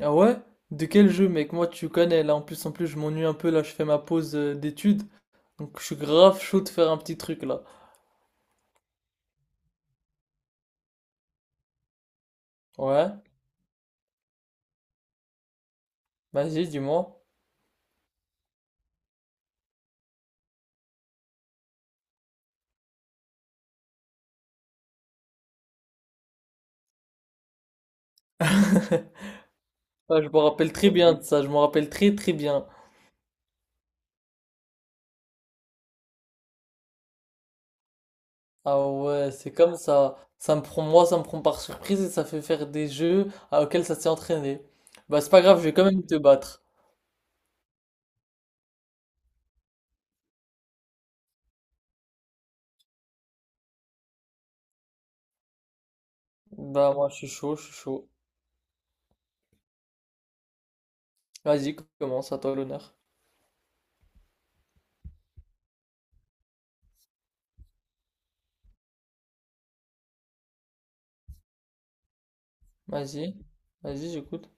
Ah ouais? De quel jeu, mec? Moi, tu connais, là. En plus, je m'ennuie un peu, là. Je fais ma pause d'études. Donc, je suis grave chaud de faire un petit truc, là. Ouais? Vas-y, dis-moi. Ah, je me rappelle très bien de ça. Je me rappelle très, très bien. Ah ouais, c'est comme ça. Ça me prend, moi, ça me prend par surprise et ça fait faire des jeux auxquels ça s'est entraîné. Bah, c'est pas grave, je vais quand même te battre. Bah, moi, je suis chaud, je suis chaud. Vas-y, commence, à toi l'honneur. Vas-y. Vas-y, j'écoute.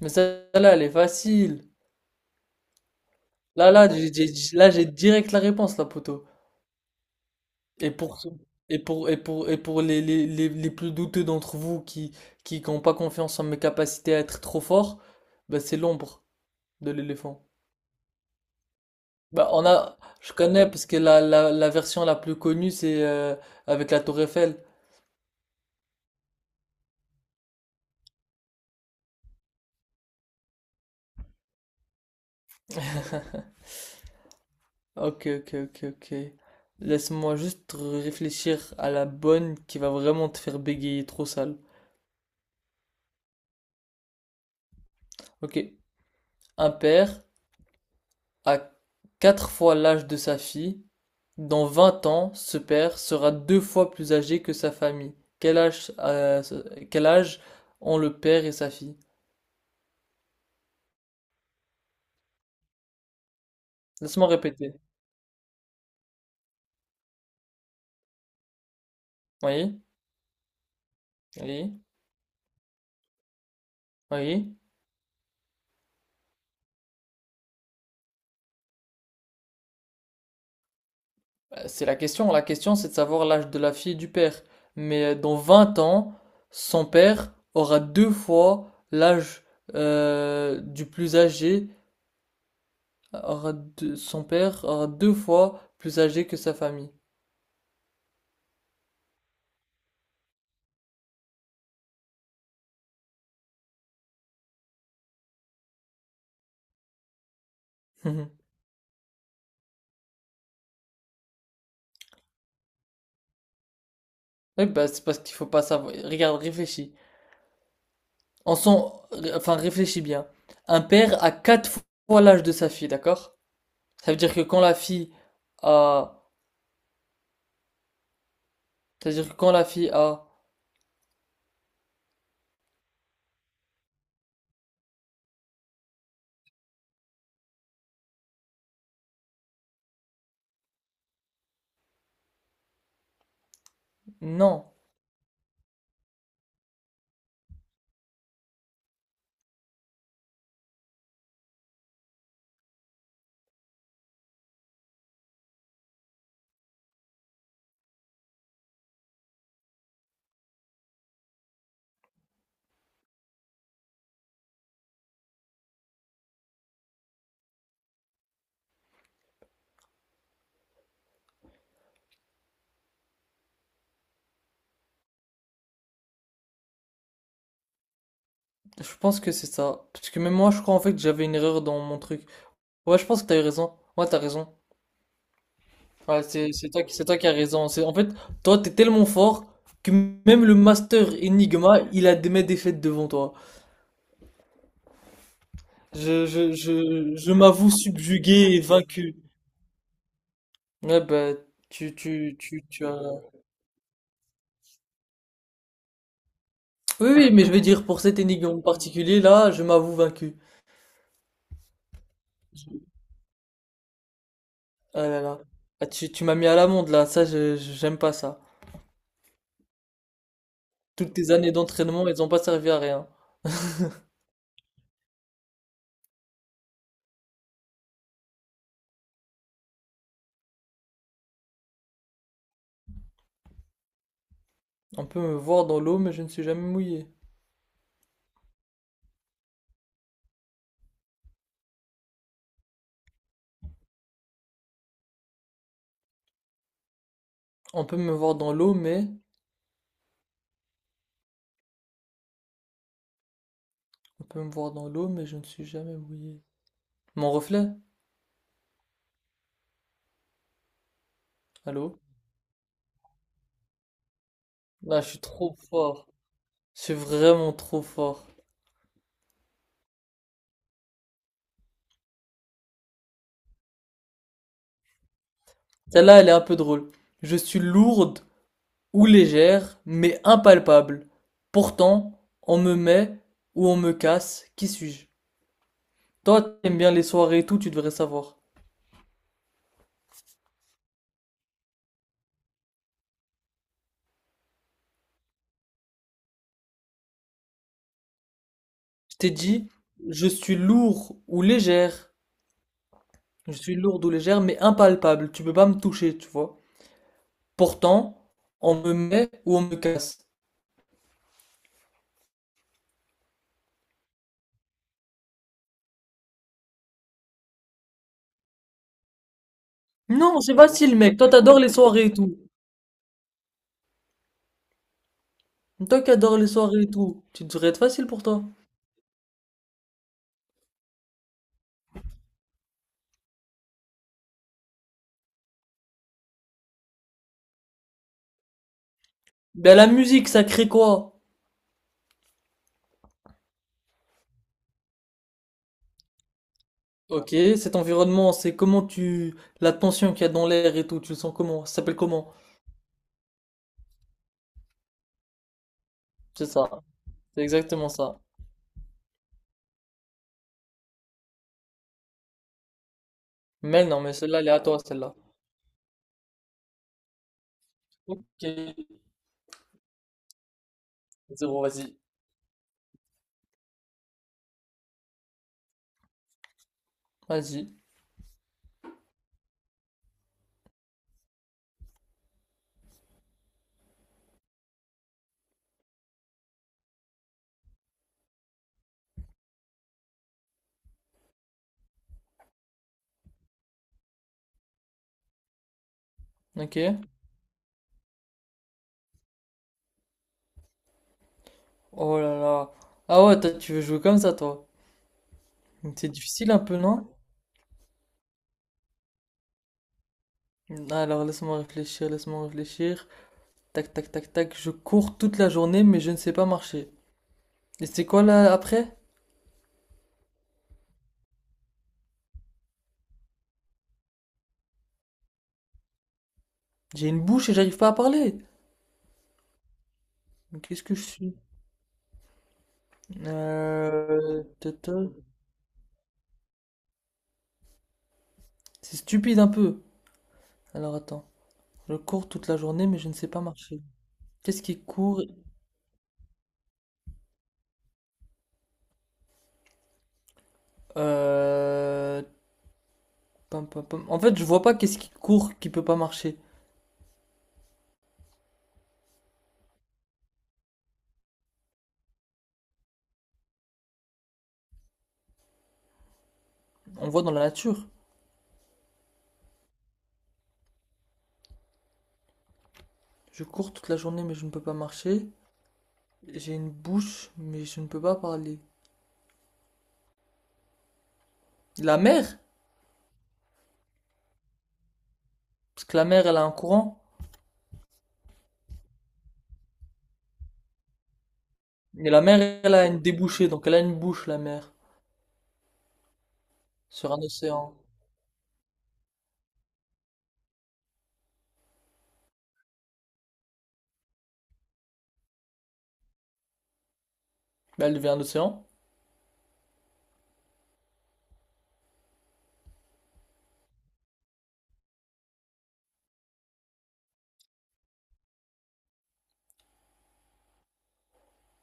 Mais celle-là, elle est facile. Là, j'ai direct la réponse, là, poteau. Et pour, et pour les plus douteux d'entre vous qui n'ont pas confiance en mes capacités à être trop fort, bah, c'est l'ombre de l'éléphant. Bah, on a, je connais parce que la version la plus connue, c'est avec la tour Eiffel. Ok, ok, ok, ok. Laisse-moi juste réfléchir à la bonne qui va vraiment te faire bégayer trop sale. Ok. Un père a quatre fois l'âge de sa fille. Dans 20 ans, ce père sera deux fois plus âgé que sa famille. Quel âge, euh, quel âge ont le père et sa fille? Laisse-moi répéter. Oui, oui, oui. C'est la question. La question, c'est de savoir l'âge de la fille et du père. Mais dans 20 ans, son père aura deux fois l'âge du plus âgé. Son père aura deux fois plus âgé que sa famille. Oui, bah, c'est parce qu'il faut pas savoir. Regarde, réfléchis. Enfin, réfléchis bien. Un père a quatre fois l'âge de sa fille, d'accord? Ça veut dire que quand la fille a, ça veut dire que quand la fille a, non, je pense que c'est ça. Parce que même moi, je crois en fait que j'avais une erreur dans mon truc. Ouais, je pense que t'as eu raison. Ouais, t'as raison. Ouais, c'est toi, c'est toi qui as raison. C'est, en fait, toi, t'es tellement fort que même le master Enigma, il a des mes défaites devant toi. Je m'avoue subjugué et vaincu. Ouais, bah, tu as. Oui, oui, mais je veux dire, pour cette énigme en particulier, là, je m'avoue vaincu. Ah là là. Ah, tu m'as mis à l'amende, là. Ça, j'aime pas ça. Toutes tes années d'entraînement, elles ont pas servi à rien. On peut me voir dans l'eau, mais je ne suis jamais mouillé. On peut me voir dans l'eau, mais... On peut me voir dans l'eau, mais je ne suis jamais mouillé. Mon reflet? Allô? Là, je suis trop fort. Je suis vraiment trop fort. Celle-là, elle est un peu drôle. Je suis lourde ou légère, mais impalpable. Pourtant, on me met ou on me casse. Qui suis-je? Toi, t'aimes bien les soirées et tout, tu devrais savoir. Je t'ai dit, je suis lourd ou légère. Je suis lourde ou légère, mais impalpable. Tu peux pas me toucher, tu vois. Pourtant, on me met ou on me casse. Non, c'est facile, mec. Toi, t'adores les soirées et tout. Toi qui adores les soirées et tout, tu devrais être facile pour toi. Ben, la musique, ça crée quoi? Ok, cet environnement, c'est comment tu... La tension qu'il y a dans l'air et tout, tu le sens comment? Ça s'appelle comment? C'est ça. C'est exactement ça. Mais non, mais celle-là, elle est à toi, celle-là. Ok. Zéro, vas-y. Vas-y. Ok. Oh là là. Ah ouais, toi, tu veux jouer comme ça, toi. C'est difficile un peu, non? Alors, laisse-moi réfléchir, laisse-moi réfléchir. Tac, tac, tac, tac. Je cours toute la journée, mais je ne sais pas marcher. Et c'est quoi là après? J'ai une bouche et j'arrive pas à parler. Mais qu'est-ce que je suis? Tata. C'est stupide un peu. Alors, attends. Je cours toute la journée, mais je ne sais pas marcher. Qu'est-ce qui court? Euh... Pam, pam, pam. En fait, je vois pas qu'est-ce qui court qui peut pas marcher. On voit dans la nature. Je cours toute la journée, mais je ne peux pas marcher. J'ai une bouche, mais je ne peux pas parler. La mer, parce que la mer, elle a un courant. Et la mer, elle a une débouchée, donc elle a une bouche, la mer, sur un océan. Bah, elle devient un océan.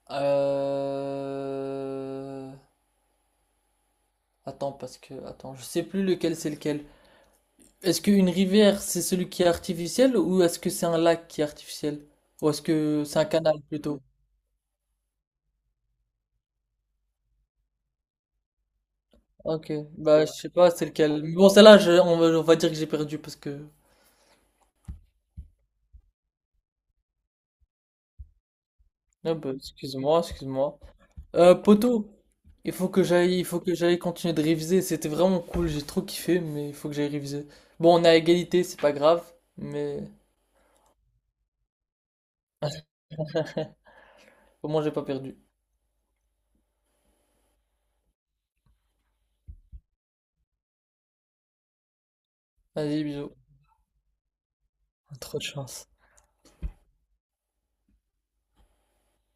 Euh... Attends, je sais plus lequel c'est lequel. Est-ce qu'une rivière, c'est celui qui est artificiel, ou est-ce que c'est un lac qui est artificiel? Ou est-ce que c'est un canal plutôt? Ok, bah je sais pas c'est lequel. Mais bon, celle-là, on va dire que j'ai perdu parce que. Ah bah, excuse-moi, excuse-moi. Poto, il faut que j'aille continuer de réviser. C'était vraiment cool, j'ai trop kiffé, mais il faut que j'aille réviser. Bon, on est à égalité, c'est pas grave, mais au moins j'ai pas perdu. Vas-y, bisous. Trop de chance.